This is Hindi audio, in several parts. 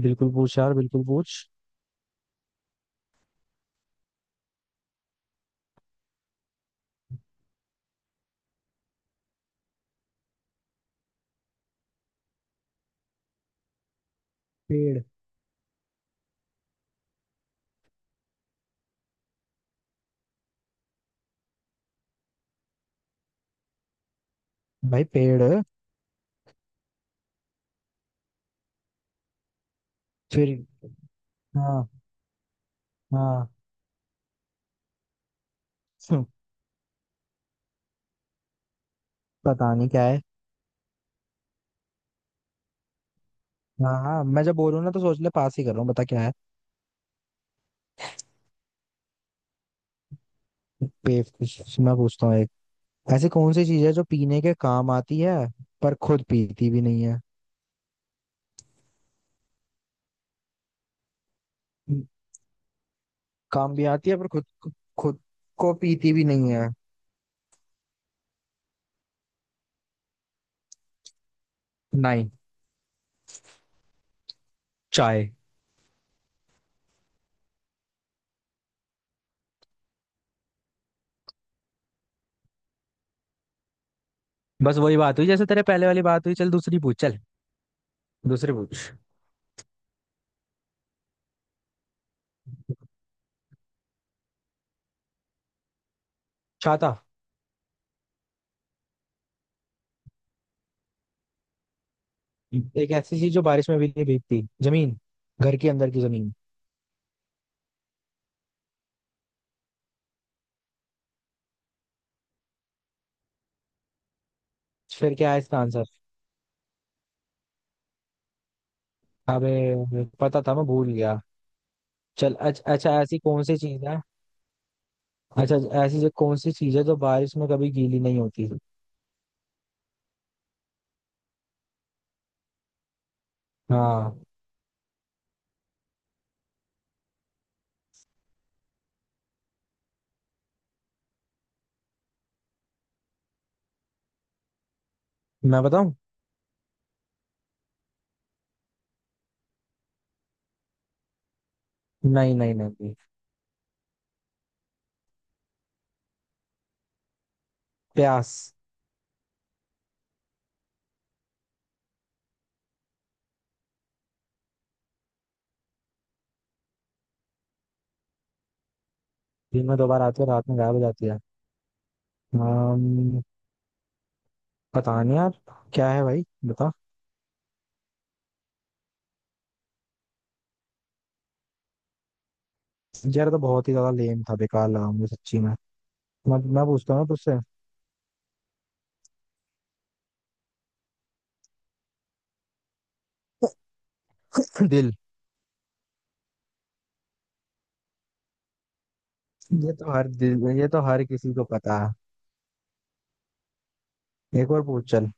बिल्कुल पूछ यार, बिल्कुल पूछ। पेड़। भाई पेड़। फिर? हाँ। हाँ। हम्म, पता नहीं क्या है। हाँ हाँ, मैं जब बोलूँ ना तो सोच ले, पास ही कर रहा हूँ, बता क्या है। बेवकूफ! मैं पूछता हूँ एक, ऐसी कौन सी चीज है जो पीने के काम आती है पर खुद पीती भी नहीं है। हम्म, काम भी आती है पर खुद, खुद को पीती भी नहीं है। नहीं। चाय। बस वही बात हुई जैसे तेरे पहले वाली बात हुई। चल दूसरी पूछ, चल दूसरी पूछ। छाता। एक ऐसी चीज जो बारिश में भी नहीं भीगती, जमीन, घर के अंदर की जमीन। फिर क्या है इसका आंसर? अबे पता था, मैं भूल गया। चल अच्छा, ऐसी कौन सी चीज है। अच्छा, ऐसी जो कौन सी चीज है जो बारिश में कभी गीली नहीं होती। हाँ। मैं बताऊं? नहीं नहीं नहीं। प्यास। दिन में 2 बार आती है, रात में गायब हो जाती है। अम्म, पता नहीं यार, क्या है भाई बता। यार ये तो बहुत ही ज्यादा लेम था, बेकार लगा मुझे सच्ची में। मैं पूछता हूँ ना तुझसे। दिल। ये तो हर दिल, ये तो हर किसी को पता है। एक और पूछ चल।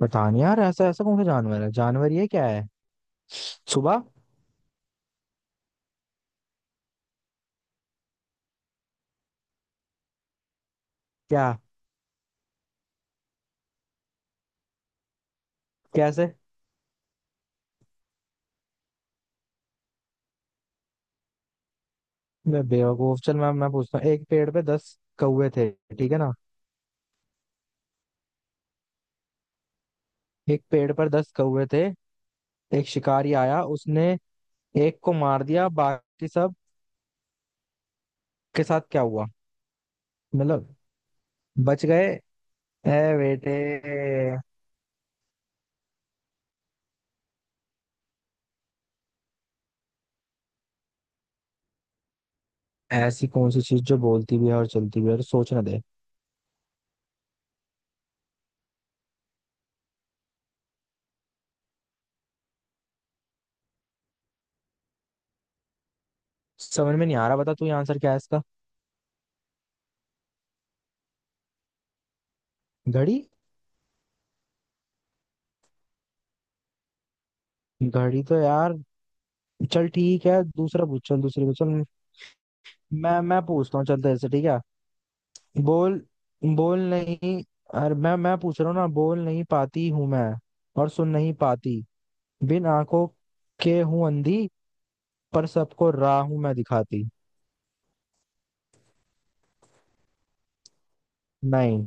पता नहीं यार, ऐसा ऐसा कौन सा जानवर है, जानवर ये क्या है। सुबह? क्या? कैसे? मैं बेवकूफ। चल मैं पूछता हूँ, एक पेड़ पे 10 कौवे थे, ठीक है ना? एक पेड़ पर 10 कौवे थे, एक शिकारी आया, उसने एक को मार दिया, बाकी सब के साथ क्या हुआ? मतलब, बच गए? ए बेटे! ऐसी कौन सी चीज जो बोलती भी है और चलती भी है, और सोच ना दे। समझ में नहीं आ रहा, बता तू, ये आंसर क्या है इसका। घड़ी? घड़ी तो यार! चल ठीक है, दूसरा पूछ चल, दूसरा पूछ चल। मैं पूछता हूँ चल तेरे से, ठीक है। बोल। बोल नहीं। अरे मैं पूछ रहा हूँ ना, बोल नहीं पाती हूँ मैं और सुन नहीं पाती। बिन आंखों के हूँ अंधी, पर सबको राह हूँ मैं दिखाती। नहीं।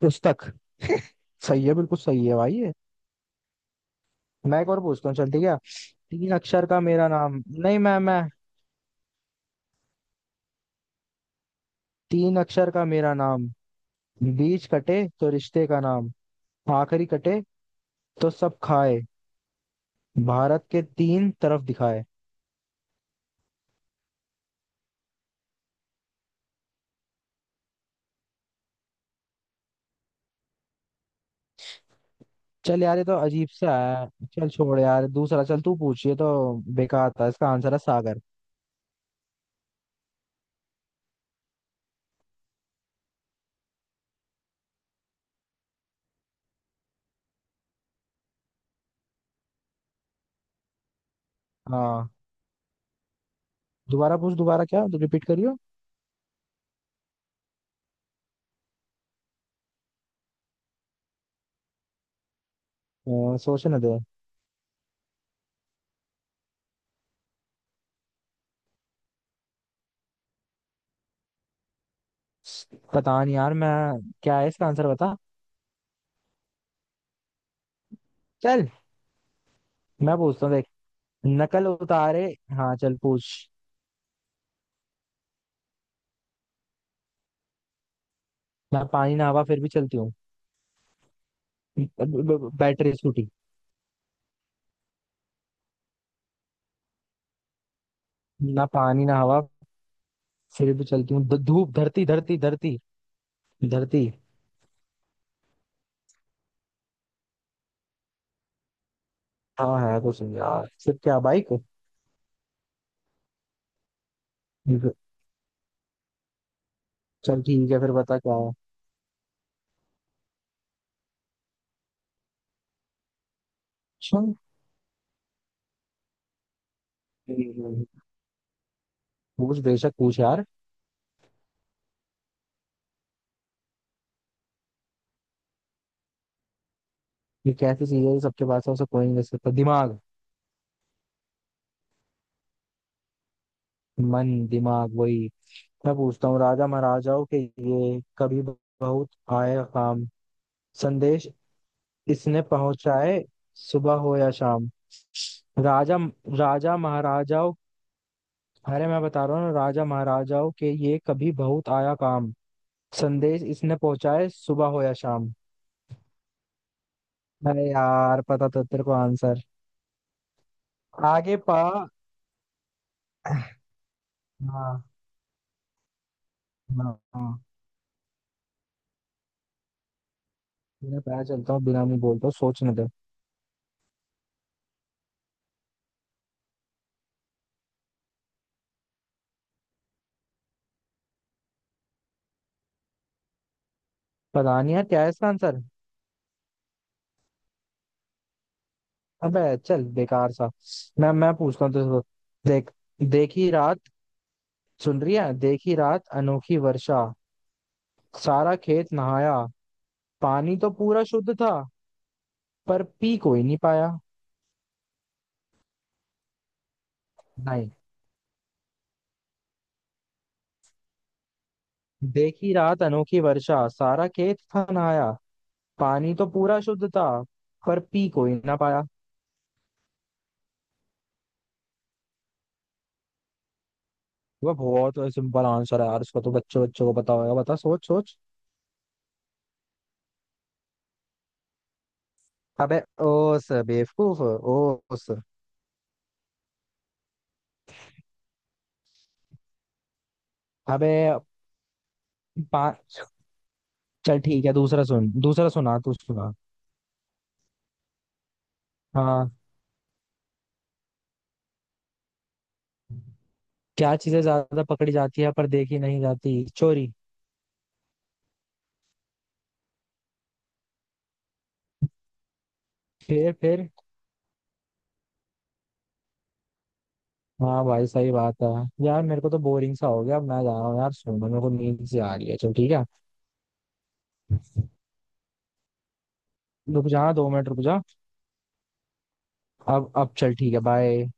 पुस्तक। सही है, बिल्कुल सही है भाई ये। मैं एक और पूछता हूँ, चल ठीक है। तीन अक्षर का मेरा नाम नहीं, मैं, 3 अक्षर का मेरा नाम, बीच कटे तो रिश्ते का नाम, आखिरी कटे तो सब खाए, भारत के 3 तरफ दिखाए। चल यार, ये तो अजीब सा है। चल छोड़ यार, दूसरा चल तू पूछ, ये तो बेकार था। इसका आंसर है सागर। हाँ। दोबारा पूछ दोबारा, क्या तू रिपीट करियो। सोचने दे। पता नहीं यार मैं, क्या है इसका आंसर बता। चल। मैं पूछता हूँ, देख, नकल उतारे। हाँ चल पूछ। ना पानी ना हवा फिर भी चलती हूँ। Battery scooty. ना पानी ना हवा फिर भी चलती हूँ, धूप, धरती, धरती। हाँ है। कुछ नहीं यार। फिर क्या, बाइक? चल ठीक है, फिर बता क्या है। हम्म। पूछ, बेशक पूछ यार। ये कैसी चीज है जो सबके पास है, उसे कोई नहीं दे सकता, दिमाग? मन, दिमाग वही। मैं पूछता हूँ, राजा महाराजाओं के ये कभी बहुत आए काम, संदेश इसने पहुंचाए सुबह हो या शाम। राजा राजा महाराजाओं, अरे मैं बता रहा हूँ ना, राजा महाराजाओं के ये कभी बहुत आया काम, संदेश इसने पहुंचाए सुबह हो या शाम। अरे यार, पता तो तेरे को आंसर। आगे पा। हाँ। हाँ हाँ। बिना पता चलता हूँ, बिना मुंह बोलता हूँ, सोचने दे। पता नहीं यार, क्या है इसका आंसर। अबे चल बेकार सा। मैं पूछता हूँ तुझसे, देख, देखी रात, सुन रही है? देखी रात अनोखी वर्षा, सारा खेत नहाया, पानी तो पूरा शुद्ध था, पर पी कोई नहीं पाया। नहीं। देखी रात अनोखी वर्षा, सारा खेत था नहाया, पानी तो पूरा शुद्ध था, पर पी कोई ना पाया। वह बहुत सिंपल आंसर है यार, इसका तो बच्चों बच्चों को पता होगा, बता, सोच सोच। अबे, ओस बेवकूफ, ओस। अबे पांच। चल ठीक है, दूसरा सुन, दूसरा सुना तू, सुना। हाँ। क्या चीजें ज्यादा पकड़ी जाती है पर देखी नहीं जाती, चोरी? फिर। हाँ भाई, सही बात है। यार मेरे को तो बोरिंग सा हो गया, अब मैं जा रहा हूँ यार, सुन मेरे को नींद से आ रही है, चल ठीक है। रुक जा, 2 मिनट रुक जा। अब चल ठीक है, बाय।